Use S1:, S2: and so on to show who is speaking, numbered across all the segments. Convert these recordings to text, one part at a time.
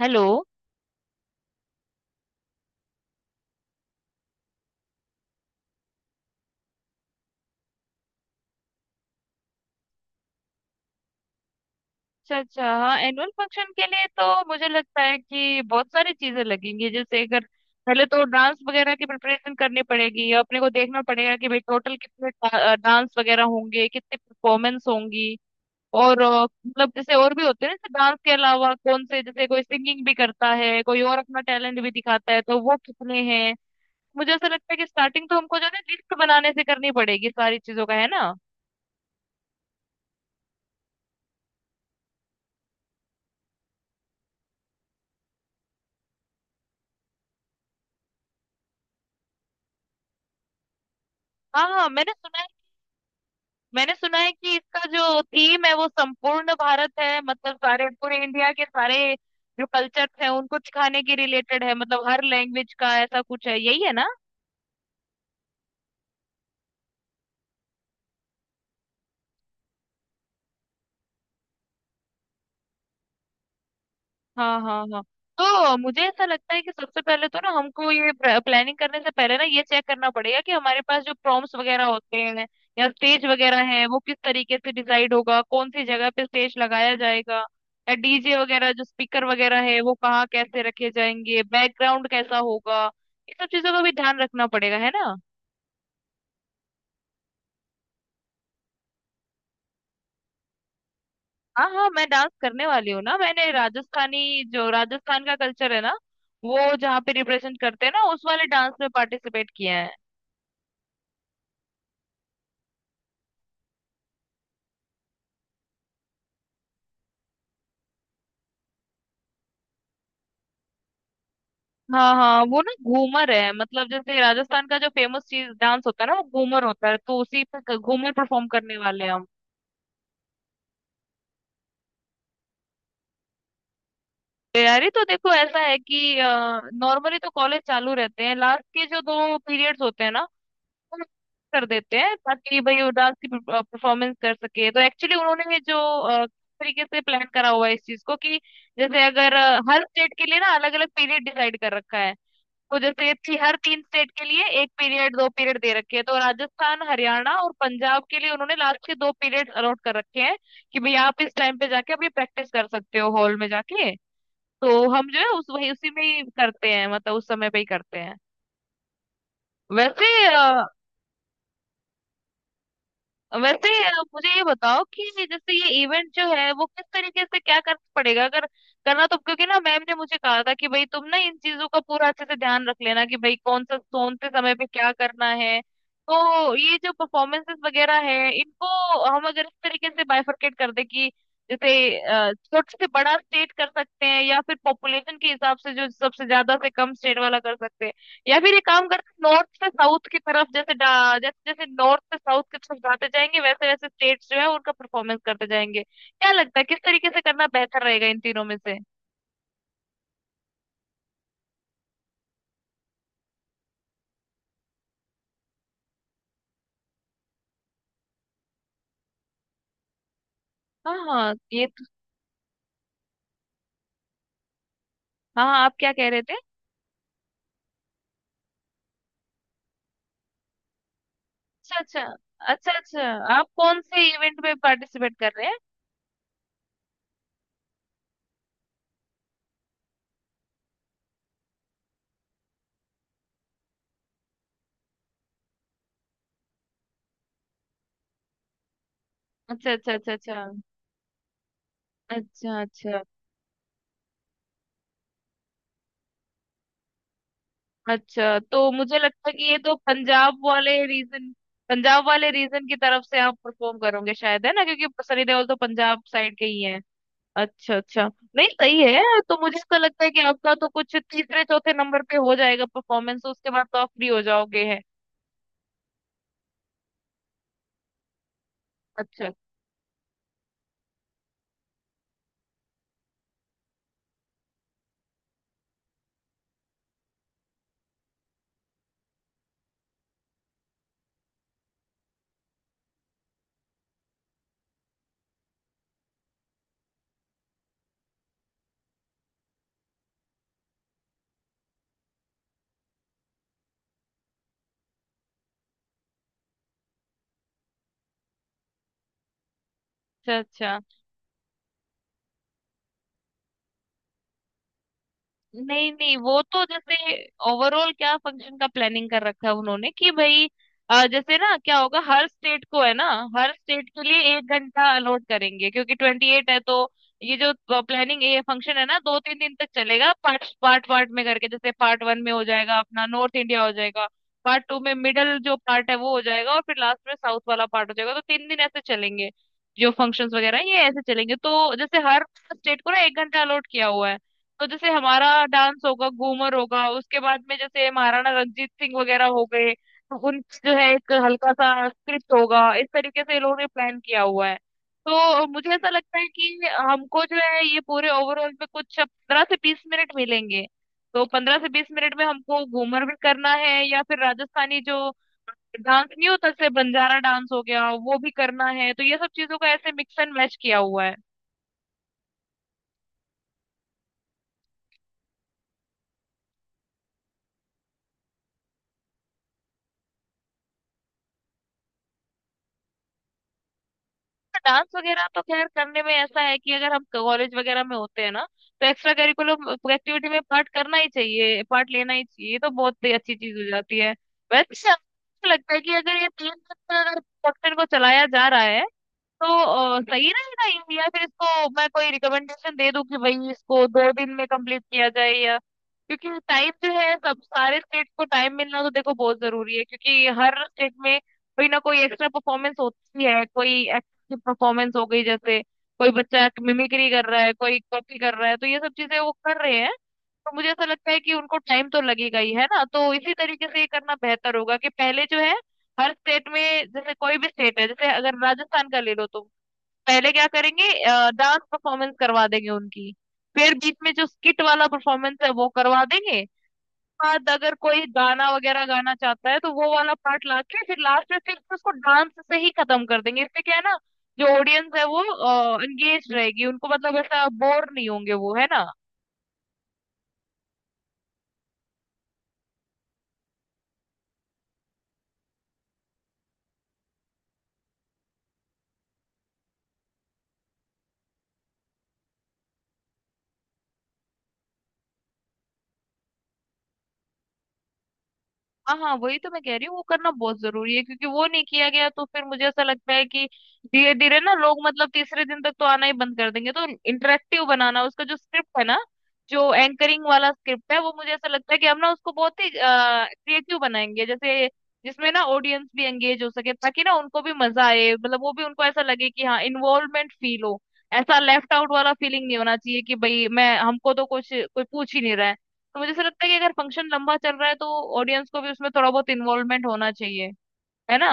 S1: Hello. अच्छा अच्छा, हाँ एनुअल फंक्शन के लिए तो मुझे लगता है कि बहुत सारी चीजें लगेंगी। जैसे अगर पहले तो डांस वगैरह की प्रिपरेशन करनी पड़ेगी, अपने को देखना पड़ेगा कि भाई टोटल कितने डांस वगैरह होंगे, कितने परफॉर्मेंस होंगी। और मतलब जैसे और भी होते हैं ना, जैसे डांस के अलावा कौन से, जैसे कोई सिंगिंग भी करता है, कोई और अपना टैलेंट भी दिखाता है, तो वो कितने हैं। मुझे ऐसा लगता है कि स्टार्टिंग तो हमको जो है लिस्ट बनाने से करनी पड़ेगी सारी चीजों का, है ना। हाँ हाँ, मैंने सुना। मैंने सुना है कि इसका जो थीम है वो संपूर्ण भारत है, मतलब सारे पूरे इंडिया के सारे जो कल्चर्स हैं उनको सिखाने के रिलेटेड है, मतलब हर लैंग्वेज का ऐसा कुछ है, यही है ना। हाँ हाँ हाँ। तो मुझे ऐसा लगता है कि सबसे पहले तो ना हमको ये प्लानिंग करने से पहले ना ये चेक करना पड़ेगा कि हमारे पास जो प्रॉम्प्ट्स वगैरह होते हैं या स्टेज वगैरह है वो किस तरीके से डिसाइड होगा, कौन सी जगह पे स्टेज लगाया जाएगा, या डीजे वगैरह जो स्पीकर वगैरह है वो कहाँ कैसे रखे जाएंगे, बैकग्राउंड कैसा होगा। ये सब चीजों का भी ध्यान रखना पड़ेगा, है ना। हाँ हाँ, मैं डांस करने वाली हूँ ना। मैंने राजस्थानी जो राजस्थान का कल्चर है ना, वो जहाँ पे रिप्रेजेंट करते हैं ना, उस वाले डांस में पार्टिसिपेट किया है। हाँ हाँ, वो ना घूमर है। मतलब जैसे राजस्थान का जो फेमस चीज डांस होता है ना वो घूमर होता है, तो उसी पे घूमर परफॉर्म करने वाले हैं हम। तैयारी तो देखो ऐसा है कि नॉर्मली तो कॉलेज चालू रहते हैं, लास्ट के जो 2 पीरियड्स होते हैं ना वो हम कर देते हैं ताकि भाई वो डांस की परफॉर्मेंस कर सके। तो एक्चुअली उन्होंने ये जो तरीके से प्लान करा हुआ है इस चीज को, कि जैसे अगर हर स्टेट के लिए ना अलग अलग पीरियड डिसाइड कर रखा है। तो जैसे थी हर 3 स्टेट के लिए 1 पीरियड 2 पीरियड दे रखे हैं, तो राजस्थान हरियाणा और पंजाब के लिए उन्होंने लास्ट के 2 पीरियड अलॉट कर रखे हैं कि भाई आप इस टाइम पे जाके अपनी प्रैक्टिस कर सकते हो हॉल में जाके। तो हम जो है उस वही उसी में ही करते हैं, मतलब उस समय पे ही करते हैं। वैसे अ, वैसे मुझे ये बताओ कि जैसे ये इवेंट जो है वो किस तरीके से क्या करना पड़ेगा अगर करना। तो क्योंकि ना मैम ने मुझे कहा था कि भाई तुम ना इन चीजों का पूरा अच्छे से ध्यान रख लेना कि भाई कौन सा कौन से समय पे क्या करना है। तो ये जो परफॉर्मेंसेस वगैरह है इनको हम अगर इस तरीके से बाइफरकेट कर दे कि जैसे छोटे से बड़ा स्टेट कर सकते हैं, या फिर पॉपुलेशन के हिसाब से जो सबसे ज्यादा से कम स्टेट वाला कर सकते हैं, या फिर ये काम करते नॉर्थ से साउथ की तरफ, जैसे जैसे जैसे नॉर्थ से साउथ की तरफ जाते जाएंगे वैसे वैसे स्टेट्स जो है उनका परफॉर्मेंस करते जाएंगे। क्या लगता है किस तरीके से करना बेहतर रहेगा इन तीनों में से। हाँ हाँ, ये तो-। हाँ हाँ, आप क्या कह रहे थे। अच्छा अच्छा अच्छा अच्छा। आप कौन से इवेंट में पार्टिसिपेट कर रहे हैं। अच्छा अच्छा अच्छा अच्छा। अच्छा अच्छा अच्छा। तो मुझे लगता है कि ये तो पंजाब वाले रीजन, पंजाब वाले रीजन की तरफ से आप परफॉर्म करोगे शायद, है ना, क्योंकि सनी देओल तो पंजाब साइड के ही है। अच्छा अच्छा। नहीं, सही है। तो मुझे तो लगता है कि आपका तो कुछ तीसरे चौथे नंबर पे हो जाएगा परफॉर्मेंस, उसके बाद तो आप फ्री हो जाओगे, है। अच्छा अच्छा अच्छा। नहीं नहीं, वो तो जैसे ओवरऑल क्या फंक्शन का प्लानिंग कर रखा है उन्होंने कि भाई जैसे ना क्या होगा, हर स्टेट को है ना, हर स्टेट के लिए 1 घंटा अलॉट करेंगे क्योंकि 28 है तो। ये जो प्लानिंग ये फंक्शन है ना 2 3 दिन तक चलेगा, पार्ट पार्ट पार्ट में करके, जैसे पार्ट वन में हो जाएगा अपना नॉर्थ इंडिया हो जाएगा, पार्ट टू में मिडल जो पार्ट है वो हो जाएगा, और फिर लास्ट में साउथ वाला पार्ट हो जाएगा, तो 3 दिन ऐसे चलेंगे। जो फंक्शंस वगैरह हैं, ये ऐसे चलेंगे। तो जैसे हर स्टेट को ना 1 घंटा अलॉट किया हुआ है। तो जैसे हमारा डांस होगा, घूमर होगा, उसके बाद में जैसे महाराणा रंजीत सिंह वगैरह हो गए तो उन जो है एक हल्का सा स्क्रिप्ट होगा, इस तरीके से ये लोगों ने प्लान किया हुआ है। तो मुझे ऐसा लगता है कि हमको जो है ये पूरे ओवरऑल में कुछ 15 से 20 मिनट मिलेंगे। तो 15 से 20 मिनट में हमको घूमर भी करना है या फिर राजस्थानी जो डांस नहीं होता, जैसे बंजारा डांस हो गया, वो भी करना है, तो ये सब चीजों का ऐसे मिक्स एंड मैच किया हुआ है। डांस वगैरह तो खैर करने में ऐसा है कि अगर हम कॉलेज वगैरह में होते हैं ना तो एक्स्ट्रा करिकुलम एक्टिविटी में पार्ट करना ही चाहिए, पार्ट लेना ही चाहिए, ये तो बहुत ही अच्छी चीज हो जाती है। वैसे मुझे लगता है कि अगर ये 3 दिन का अगर प्रोडक्शन को चलाया जा रहा है तो सही रहेगा ये? या फिर इसको मैं कोई रिकमेंडेशन दे दूं कि भाई इसको 2 दिन में कंप्लीट किया जाए या। क्योंकि टाइम जो है, सब सारे स्टेट को टाइम मिलना तो देखो बहुत जरूरी है क्योंकि हर स्टेट में कोई ना कोई एक्स्ट्रा परफॉर्मेंस होती है, कोई एक्टिव परफॉर्मेंस हो गई, जैसे कोई बच्चा मिमिक्री कर रहा है, कोई कॉपी कर रहा है, तो ये सब चीजें वो कर रहे हैं। तो मुझे ऐसा लगता है कि उनको टाइम तो लगेगा ही है ना, तो इसी तरीके से ये करना बेहतर होगा कि पहले जो है हर स्टेट में, जैसे कोई भी स्टेट है, जैसे अगर राजस्थान का ले लो तो पहले क्या करेंगे, डांस परफॉर्मेंस करवा देंगे उनकी, फिर बीच में जो स्किट वाला परफॉर्मेंस है वो करवा देंगे, बाद अगर कोई गाना वगैरह गाना चाहता है तो वो वाला पार्ट लाके फिर लास्ट में फिर उसको डांस से ही खत्म कर देंगे। इससे क्या है ना जो ऑडियंस है वो एंगेज रहेगी, उनको मतलब ऐसा बोर नहीं होंगे वो, है ना। हाँ हाँ, वही तो मैं कह रही हूँ वो करना बहुत जरूरी है क्योंकि वो नहीं किया गया तो फिर मुझे ऐसा लगता है कि धीरे धीरे ना लोग मतलब तीसरे दिन तक तो आना ही बंद कर देंगे। तो इंटरेक्टिव बनाना उसका जो स्क्रिप्ट है ना, जो एंकरिंग वाला स्क्रिप्ट है, वो मुझे ऐसा लगता है कि हम ना उसको बहुत ही क्रिएटिव बनाएंगे, जैसे जिसमें ना ऑडियंस भी एंगेज हो सके, ताकि ना उनको भी मजा आए, मतलब वो भी उनको ऐसा लगे कि हाँ इन्वॉल्वमेंट फील हो। ऐसा लेफ्ट आउट वाला फीलिंग नहीं होना चाहिए कि भाई मैं हमको तो कुछ कोई पूछ ही नहीं रहा है। तो मुझे ऐसा लगता है कि अगर फंक्शन लंबा चल रहा है तो ऑडियंस को भी उसमें थोड़ा बहुत इन्वॉल्वमेंट होना चाहिए, है ना।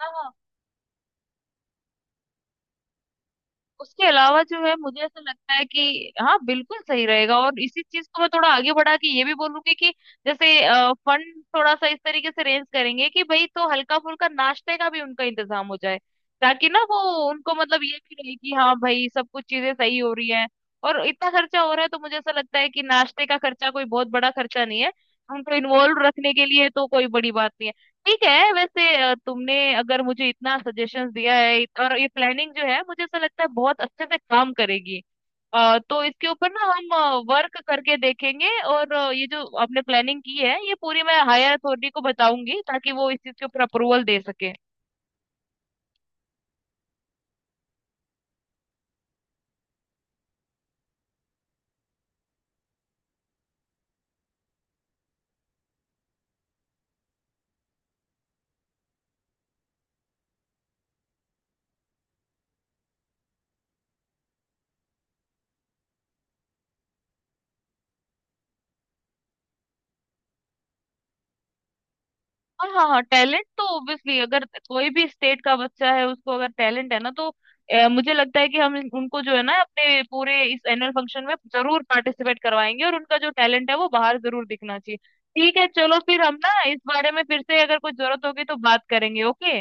S1: हाँ। उसके अलावा जो है मुझे ऐसा लगता है कि हाँ बिल्कुल सही रहेगा, और इसी चीज को मैं थोड़ा आगे बढ़ा के ये भी बोलूंगी कि जैसे फंड थोड़ा सा इस तरीके से रेंज करेंगे कि भाई तो हल्का फुल्का नाश्ते का भी उनका इंतजाम हो जाए ताकि ना वो, उनको मतलब ये भी रहे कि हाँ भाई सब कुछ चीजें सही हो रही है, और इतना खर्चा हो रहा है तो मुझे ऐसा लगता है कि नाश्ते का खर्चा कोई बहुत बड़ा खर्चा नहीं है उनको इन्वॉल्व रखने के लिए, तो कोई बड़ी बात नहीं है। ठीक है। वैसे तुमने अगर मुझे इतना सजेशंस दिया है और ये प्लानिंग जो है मुझे ऐसा लगता है बहुत अच्छे से काम करेगी। तो इसके ऊपर ना हम वर्क करके देखेंगे, और ये जो आपने प्लानिंग की है ये पूरी मैं हायर अथॉरिटी को बताऊंगी ताकि वो इस चीज के ऊपर अप्रूवल दे सके। और हाँ हाँ, टैलेंट तो ऑब्वियसली, अगर कोई भी स्टेट का बच्चा है उसको अगर टैलेंट है ना तो मुझे लगता है कि हम उनको जो है ना अपने पूरे इस एनुअल फंक्शन में जरूर पार्टिसिपेट करवाएंगे और उनका जो टैलेंट है वो बाहर जरूर दिखना चाहिए। ठीक है, चलो फिर हम ना इस बारे में फिर से अगर कोई जरूरत होगी तो बात करेंगे, ओके।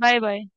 S1: Bye bye.